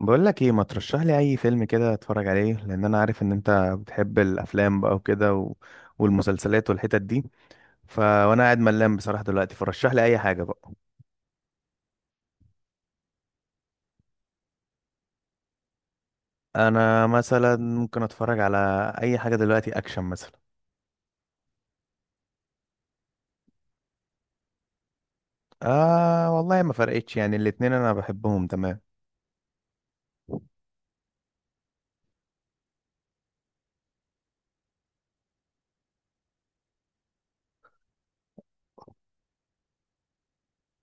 بقول لك ايه، ما ترشح لي اي فيلم كده اتفرج عليه، لان انا عارف ان انت بتحب الافلام بقى وكده والمسلسلات والحتت دي. وانا قاعد ملان بصراحة دلوقتي، فرشح لي اي حاجة بقى. انا مثلا ممكن اتفرج على اي حاجة دلوقتي، اكشن مثلا. آه والله ما فرقتش يعني، الاتنين انا بحبهم تمام.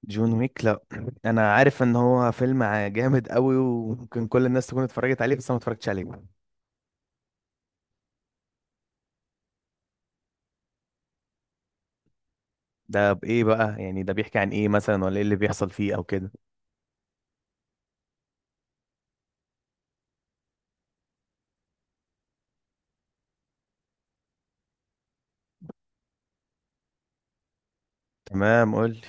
جون ويك؟ لا انا عارف ان هو فيلم جامد قوي وممكن كل الناس تكون اتفرجت عليه، بس انا ما اتفرجتش عليه. ده بايه بقى؟ يعني ده بيحكي عن ايه مثلا، ولا ايه اللي بيحصل فيه او كده؟ تمام، قول.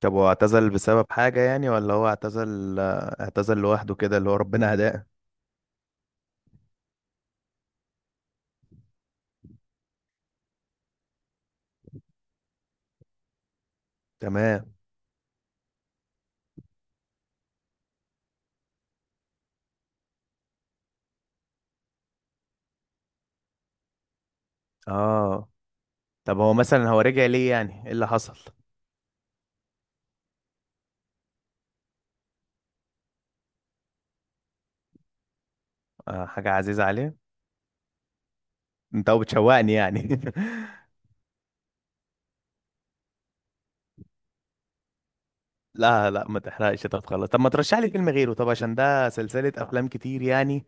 طب هو اعتزل بسبب حاجة يعني، ولا هو اعتزل، اعتزل لوحده كده اللي هو ربنا هداه؟ تمام. اه. طب هو مثلا هو رجع ليه؟ يعني ايه اللي حصل؟ آه، حاجة عزيزة عليه. انت هو بتشوقني يعني؟ لا لا ما تحرقش، طب خلاص، طب ما ترشح لي فيلم غيره، طب عشان ده سلسلة افلام كتير يعني.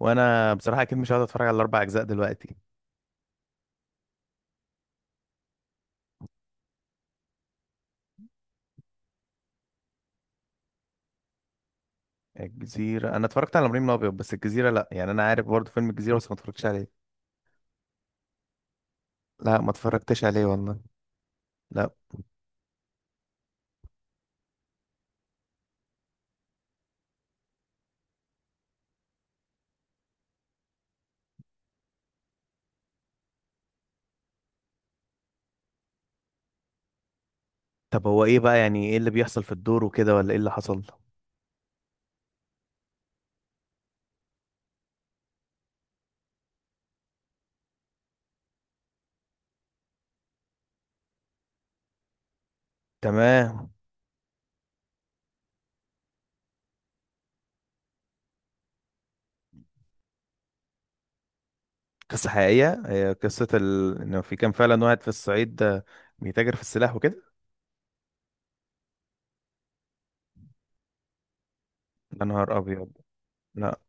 وانا بصراحة اكيد مش هقعد اتفرج على الاربع اجزاء دلوقتي. الجزيرة؟ انا اتفرجت على ابراهيم الابيض، بس الجزيرة لا، يعني انا عارف برضه فيلم الجزيرة بس ما اتفرجتش عليه. لا ما اتفرجتش عليه والله. لا. طب هو ايه بقى؟ يعني ايه اللي بيحصل في الدور وكده، ولا ايه اللي حصل؟ تمام. قصة حقيقية؟ هي قصة ان في كان فعلا واحد في الصعيد، آه، بيتاجر في السلاح وكده. يا نهار ابيض. لا،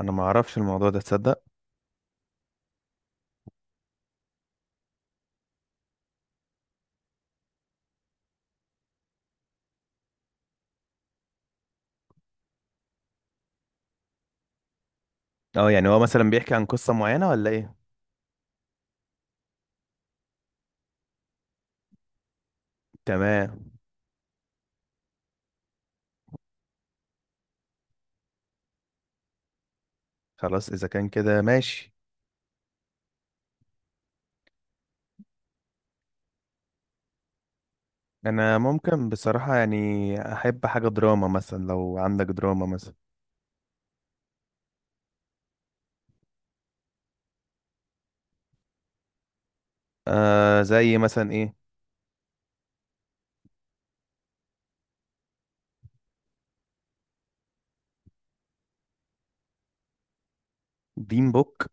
انا ما اعرفش الموضوع ده تصدق. اه، يعني هو مثلا بيحكي عن قصة معينة ولا ايه؟ تمام. خلاص اذا كان كده ماشي. انا ممكن بصراحة يعني احب حاجة دراما مثلا، لو عندك دراما مثلا. آه، زي مثلا ايه؟ دين بوك.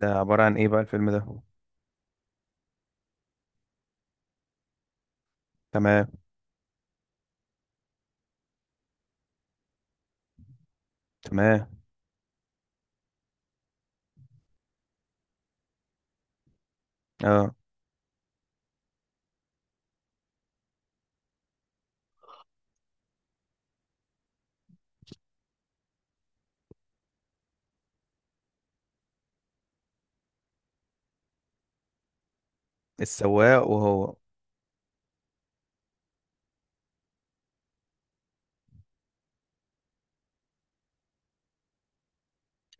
ده عبارة عن ايه بقى الفيلم ده؟ تمام. تمام. اه، السواق وهو.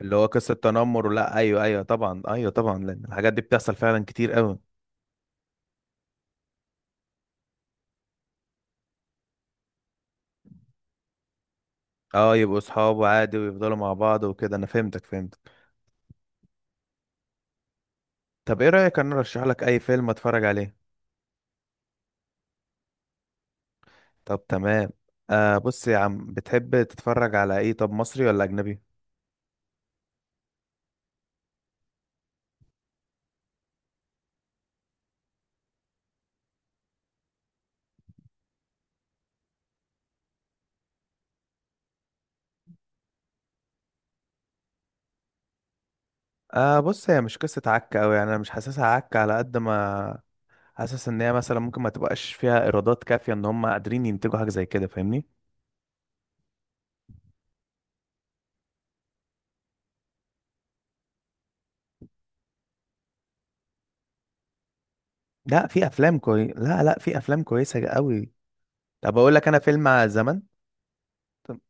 اللي هو قصة تنمر؟ لا، ايوه ايوه طبعا، ايوه طبعا، لان الحاجات دي بتحصل فعلا كتير قوي. اه، يبقوا اصحاب عادي ويفضلوا مع بعض وكده. انا فهمتك، فهمتك. طب ايه رأيك، انا ارشح لك اي فيلم اتفرج عليه؟ طب تمام. آه بص يا عم، بتحب تتفرج على ايه؟ طب مصري ولا اجنبي؟ آه، بص هي مش قصة عك أوي يعني، أنا مش حاسسها عك على قد ما حاسس إن هي مثلا ممكن ما تبقاش فيها إيرادات كافية إن هم قادرين ينتجوا حاجة زي كده، فاهمني؟ لا في أفلام كوي، لا لا، في أفلام كويسة أوي. طب أقول لك أنا فيلم على زمن. تم-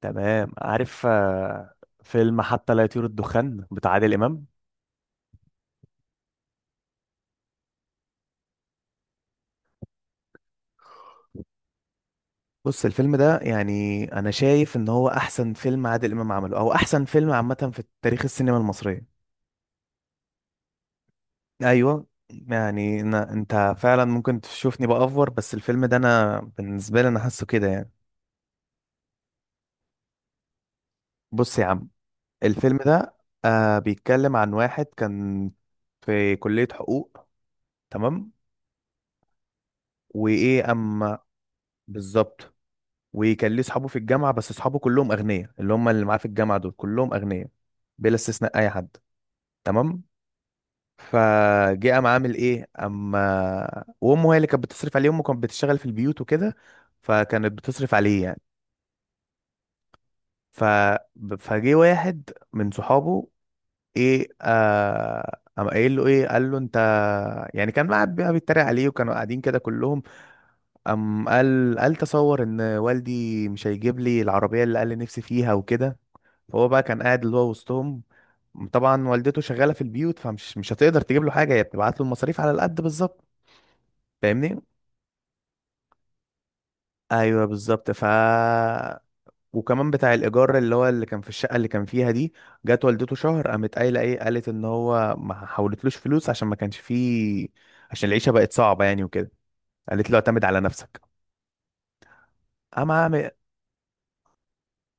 تمام، عارف. آه، فيلم حتى لا يطير الدخان بتاع عادل إمام. بص الفيلم ده يعني أنا شايف إن هو أحسن فيلم عادل إمام عمله، أو أحسن فيلم عامة في تاريخ السينما المصرية. ايوه يعني، انت فعلا ممكن تشوفني بأفور، بس الفيلم ده انا بالنسبه لي انا حاسه كده يعني. بص يا عم، الفيلم ده آه بيتكلم عن واحد كان في كليه حقوق. تمام. وايه اما. بالظبط. وكان ليه اصحابه في الجامعه، بس اصحابه كلهم اغنياء، اللي هم اللي معاه في الجامعه دول كلهم اغنياء، بلا استثناء اي حد. تمام. فجه قام عامل ايه اما، وامه هي اللي كانت بتصرف عليه، امه كانت بتشتغل في البيوت وكده. فكانت بتصرف عليه يعني. ف فجه واحد من صحابه، ايه آه قام قايل له ايه، قال له انت، يعني كان قاعد بقى بيتريق عليه، وكانوا قاعدين كده كلهم. قام قال تصور ان والدي مش هيجيب لي العربيه اللي قال لي نفسي فيها وكده. فهو بقى كان قاعد اللي هو وسطهم. طبعا والدته شغاله في البيوت، فمش مش هتقدر تجيب له حاجه، هي بتبعت له المصاريف على القد بالظبط. فاهمني؟ ايوه بالظبط. وكمان بتاع الايجار اللي هو اللي كان في الشقه اللي كان فيها دي، جت والدته شهر قامت قايله ايه، قالت ان هو ما حولتلوش فلوس عشان ما كانش فيه، عشان العيشه بقت صعبه يعني وكده. قالت له اعتمد على نفسك. قام عامل.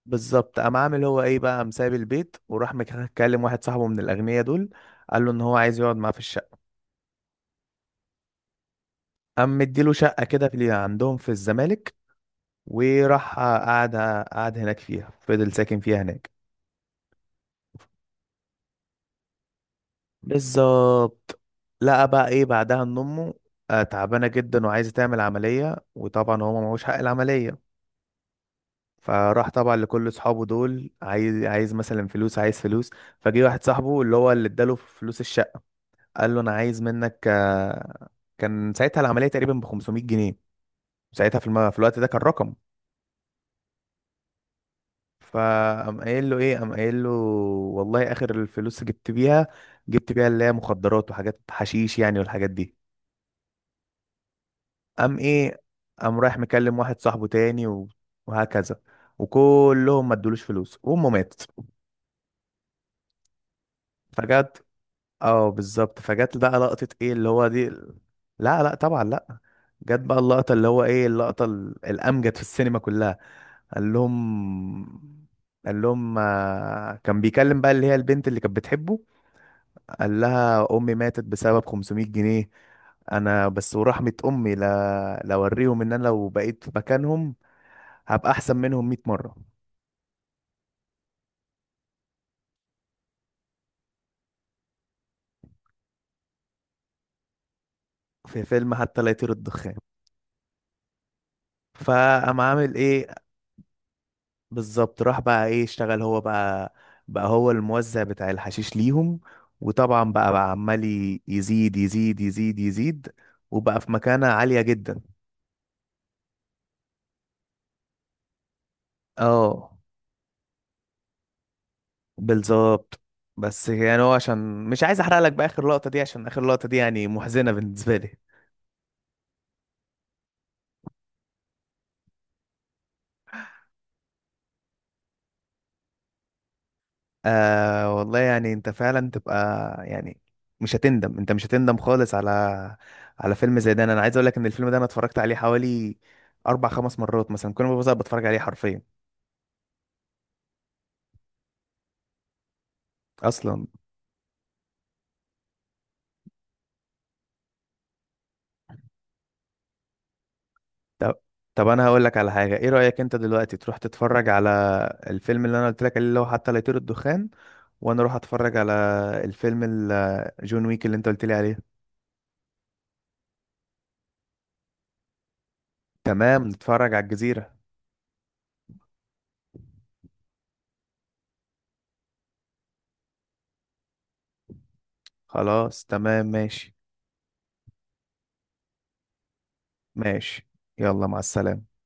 بالظبط، قام عامل هو ايه بقى، قام سايب البيت، وراح مكلم واحد صاحبه من الاغنياء دول، قال له ان هو عايز يقعد معاه في الشقه. قام مديله شقه كده في اللي عندهم في الزمالك، وراح قعد، قعد هناك فيها، فضل ساكن فيها هناك. بالظبط. لقى بقى ايه بعدها، ان امه آه، تعبانه جدا وعايزه تعمل عمليه، وطبعا هو معهوش حق العمليه. فراح طبعا لكل اصحابه دول، عايز عايز مثلا فلوس، عايز فلوس. فجه واحد صاحبه اللي هو اللي اداله فلوس الشقه، قال له انا عايز منك آه، كان ساعتها العمليه تقريبا ب 500 جنيه. ساعتها في الوقت ده كان رقم. فقام قايل له ايه، قام قايل له والله اخر الفلوس جبت بيها، جبت بيها اللي هي مخدرات وحاجات حشيش يعني والحاجات دي. قام ايه، قام رايح مكلم واحد صاحبه تاني وهكذا. وكلهم ما ادولوش فلوس، وامه ماتت. فجت، اه بالظبط، فجت بقى لقطة ايه اللي هو دي. لا لا طبعا لا. جت بقى اللقطة اللي هو ايه، اللقطة الأمجد في السينما كلها. قال لهم، قال لهم آه، كان بيكلم بقى اللي هي البنت اللي كانت بتحبه، قال لها امي ماتت بسبب 500 جنيه، انا بس ورحمة امي لا لا اوريهم ان انا لو بقيت في مكانهم هبقى احسن منهم 100 مرة. في فيلم حتى لا يطير الدخان. فقام عامل ايه. بالظبط، راح بقى ايه، اشتغل هو بقى، بقى هو الموزع بتاع الحشيش ليهم. وطبعا بقى عمال يزيد يزيد يزيد يزيد، وبقى في مكانة عالية جدا. اه بالظبط. بس يعني هو عشان مش عايز احرق لك بقى اخر لقطة دي، عشان اخر لقطة دي يعني محزنة بالنسبة لي. آه والله يعني انت فعلا تبقى يعني، مش هتندم، انت مش هتندم خالص على، على فيلم زي ده. انا عايز اقول لك ان الفيلم ده انا اتفرجت عليه حوالي اربع خمس مرات مثلا، كل ما ببقى بتفرج عليه حرفيا. اصلا. طب، طب انا هقول لك على حاجه، ايه رايك انت دلوقتي تروح تتفرج على الفيلم اللي انا قلت لك عليه اللي هو حتى لا يطير الدخان، وانا اروح اتفرج على الفيلم جون ويك اللي انت قلت لي عليه. تمام، نتفرج على الجزيره. خلاص تمام ماشي. ماشي، يلا مع السلامه.